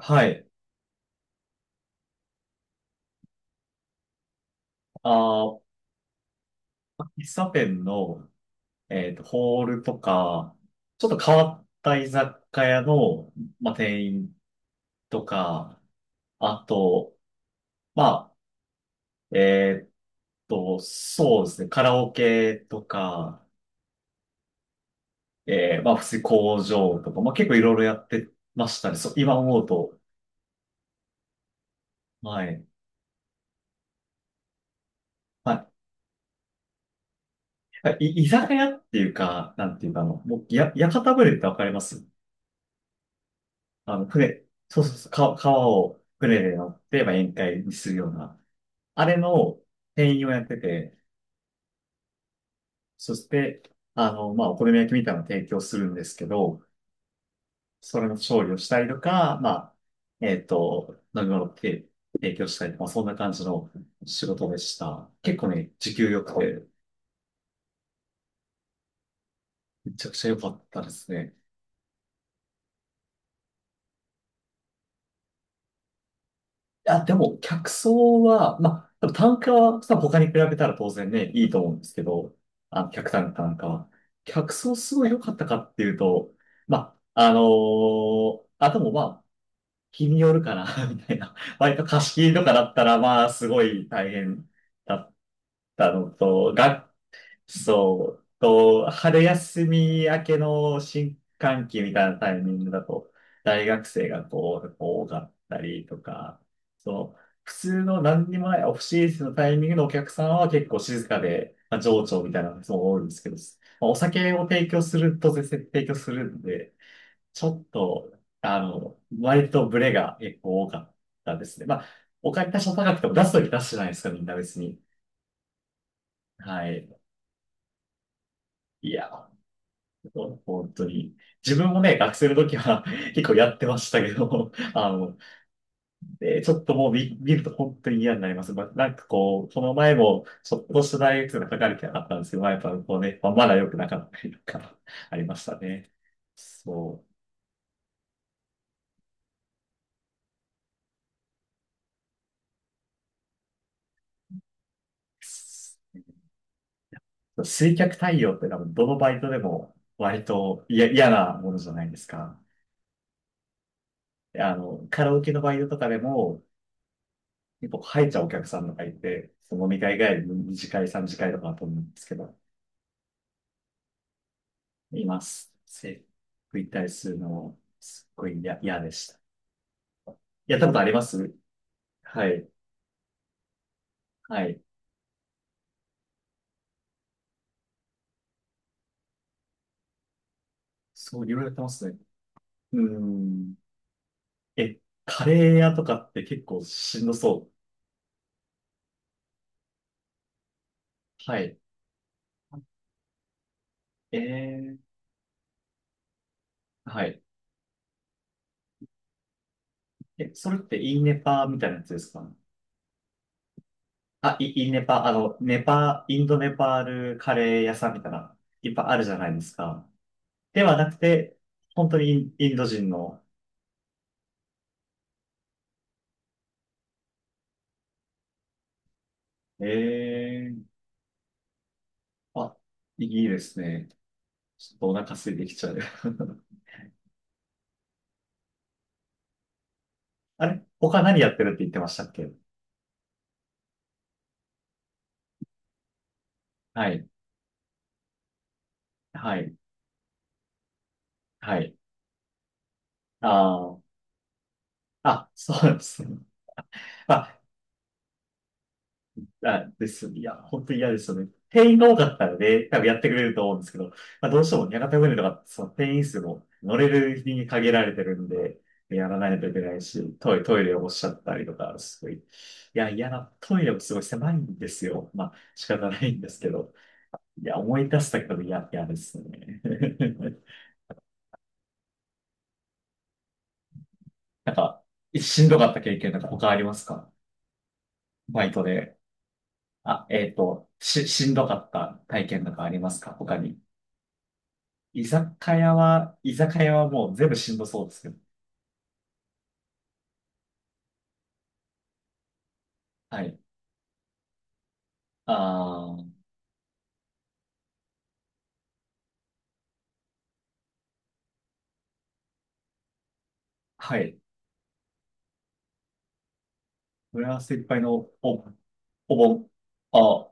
はい。あー、喫茶店の、ホールとか、ちょっと変わった居酒屋の、まあ、店員とか、あと、まあ、そうですね、カラオケとか、まあ、普通に工場とか、まあ、結構いろいろやってましたね。そう、今思うと。はい。はい。居酒屋っていうか、なんていうか、あの、もう、屋形船ってわかります？あの、船、そうそうそう、川を船で乗って、まあ、宴会にするような、あれの店員をやってて、そして、あの、まあ、お好み焼きみたいなのを提供するんですけど、それの調理をしたりとか、まあ、飲み物を提供したりとか、まあそんな感じの仕事でした。結構ね、時給良くて、めちゃくちゃ良かったですね。や、でも、客層は、まあ、多分単価はさ、他に比べたら当然ね、いいと思うんですけど、あの、客単価なんかは。客層すごい良かったかっていうと、まあ、でもまあ、日によるかな、みたいな。割と貸し切りとかだったら、まあ、すごい大変だったのと、そう、春休み明けの新歓期みたいなタイミングだと、大学生がこう、多かったりとか、そう、普通の何にもないオフシーズンのタイミングのお客さんは結構静かで、まあ、情緒みたいなのがすごい多いんですけど、まあお酒を提供すると、当然提供するんで、ちょっと、あの、割とブレが結構多かったですね。まあ、お金多少高くても出すとき出すじゃないですか、みんな別に。はい。いや、もう本当に。自分もね、学生の時は 結構やってましたけど、あの、でちょっともう見ると本当に嫌になります。まあ、なんかこう、この前も、ちょっとした大学生が書かれてなかったんですけど、まあ、やっぱこうね、まあ、まだ良くなかったりとか、ありましたね。そう。水客対応って多分どのバイトでも割と嫌なものじゃないですか。であの、カラオケのバイトとかでも、結構入っちゃうお客さんとかいて、その飲み会帰りの2次会、3次会とかだと思うんですけど、います。食いたりするの、すっごい嫌でした。やったことあります？はい。はい。そう、いろいろやってますね。うーん。え、カレー屋とかって結構しんどそう。はい。えー、はい。え、それってインネパーみたいなやつですか？あ、インネパー、あの、ネパー、インドネパールカレー屋さんみたいな、いっぱいあるじゃないですか。ではなくて、本当にインド人の、えー、あ、いいですね。ちょっとお腹空いてきちゃう。あれ他何やってるって言ってましたっけ？はい。はい。はい。ああ。あ、そうなんですね。あ、あ、です。いや、本当に嫌ですよね。店員が多かったらね、多分やってくれると思うんですけど、まあ、どうしても屋形船とか、その店員数も乗れる日に限られてるんで、やらないといけないし、トイレをおっしゃったりとか、すごい。いや、嫌な、トイレもすごい狭いんですよ。まあ、仕方ないんですけど。いや、思い出すだけでも嫌ですね。なんか、しんどかった経験なんか他ありますか？バイトで。あ、しんどかった体験なんかありますか他に。居酒屋は、居酒屋はもう全部しんどそうですけど。はい。ああ、はい。フランスいっぱいのお盆。あ、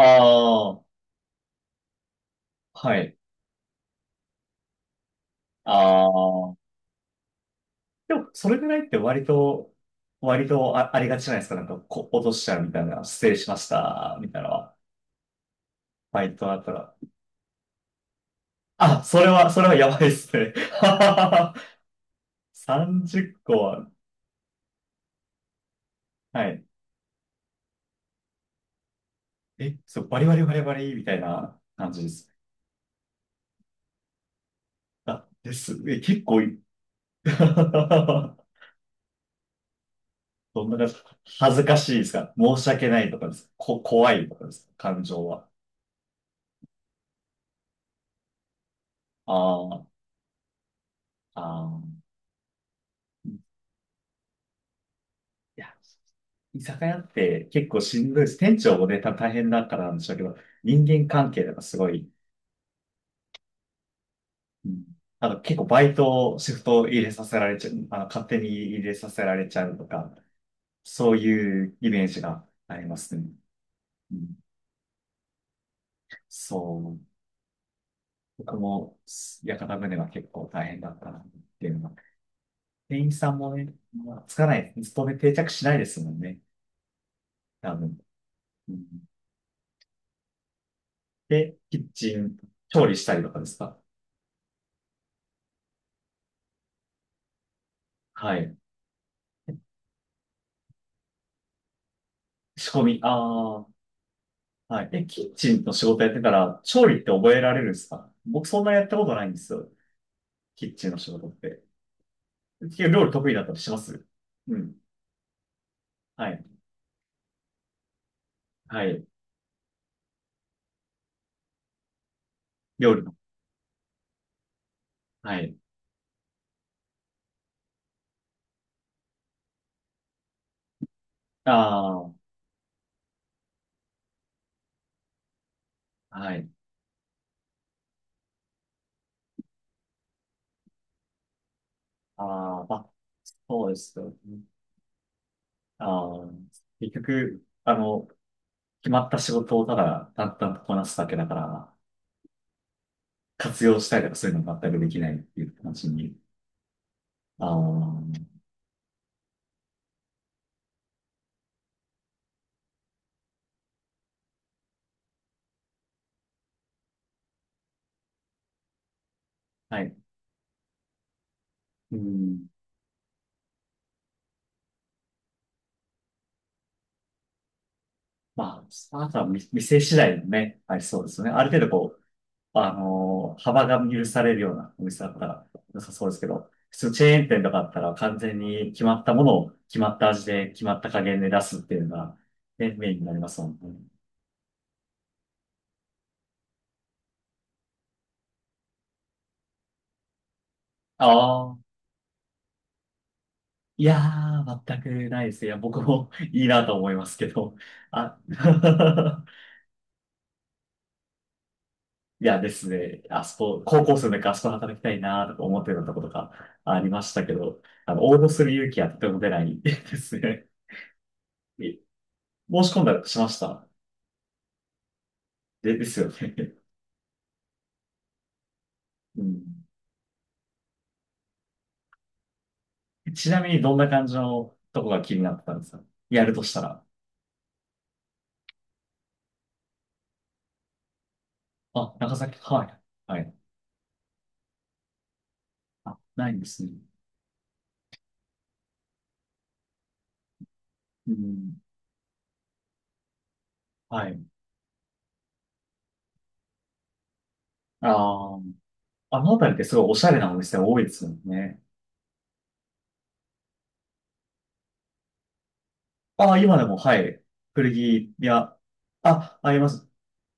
ああ、はい。ああ、でも、それぐらいって割と、ありがちじゃないですか。なんか、落としちゃうみたいな、失礼しました、みたいなのは。バイトだったら。あ、それはやばいっすね。はははは30個は、はい。え、そう、バリバリバリバリみたいな感じです。あ、です。え、結構どんな感じ？恥ずかしいですか？申し訳ないとかですか？怖いとかですか？感情は。ああ、ああ。いや、居酒屋って結構しんどいです。店長もね、大変だからなんでしょうけど、人間関係とかすごい、うん、あの、結構バイト、シフト入れさせられちゃう、あの、勝手に入れさせられちゃうとか、そういうイメージがありますね。うん、そう。僕も、屋形船は結構大変だったなっていうのは。店員さんもね、まあつかない、勤め定着しないですもんね。多分。うん、で、キッチン、調理したりとかですか？はい。仕込み、ああ、はい。え、キッチンの仕事やってから、調理って覚えられるんですか？僕そんなやったことないんですよ。キッチンの仕事って。料理得意だったりします？うん。はい。はい。料理の。はい。ああ。はい。あー、まあ、そうですよね。あー、結局、あの、決まった仕事をただ淡々とこなすだけだから、活用したりとかそういうの全くできないっていう感じに。あー、はい。うん。まあ、あとは店次第もね、はい、そうですよね。ある程度こう、あの幅が許されるようなお店だったら良さそうですけど、普通チェーン店とかだったら完全に決まったものを決まった味で決まった加減で出すっていうのが、ね、メインになりますもんね。ああ、いやー、全くないですね。いや、僕も いいなと思いますけど。あ、いやですね、あそこ、高校生の時あそこで働きたいなとか思ってたとことかありましたけど、あの、応募する勇気はとても出ない ですね。え申し込んだりしました？で、ですよね。うん。ちなみにどんな感じのとこが気になってたんですか？やるとしたら。あ、長崎、はい。はい。あ、ないんですね。うん。はい。ああ。あのあたりってすごいおしゃれなお店多いですよね。あ、今でも、はい。古着屋。あ、あります。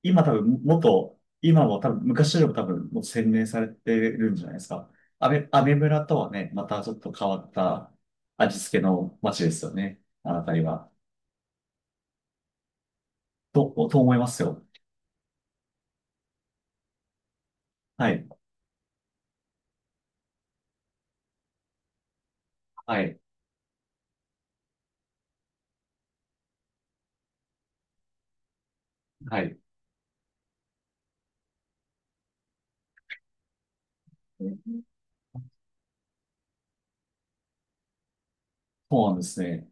今多分、今も多分、昔よりも多分、もう洗練されてるんじゃないですか。アメ村とはね、またちょっと変わった味付けの街ですよね。あのあたりは。と思いますよ。はい。はい。はい。そうなんですね。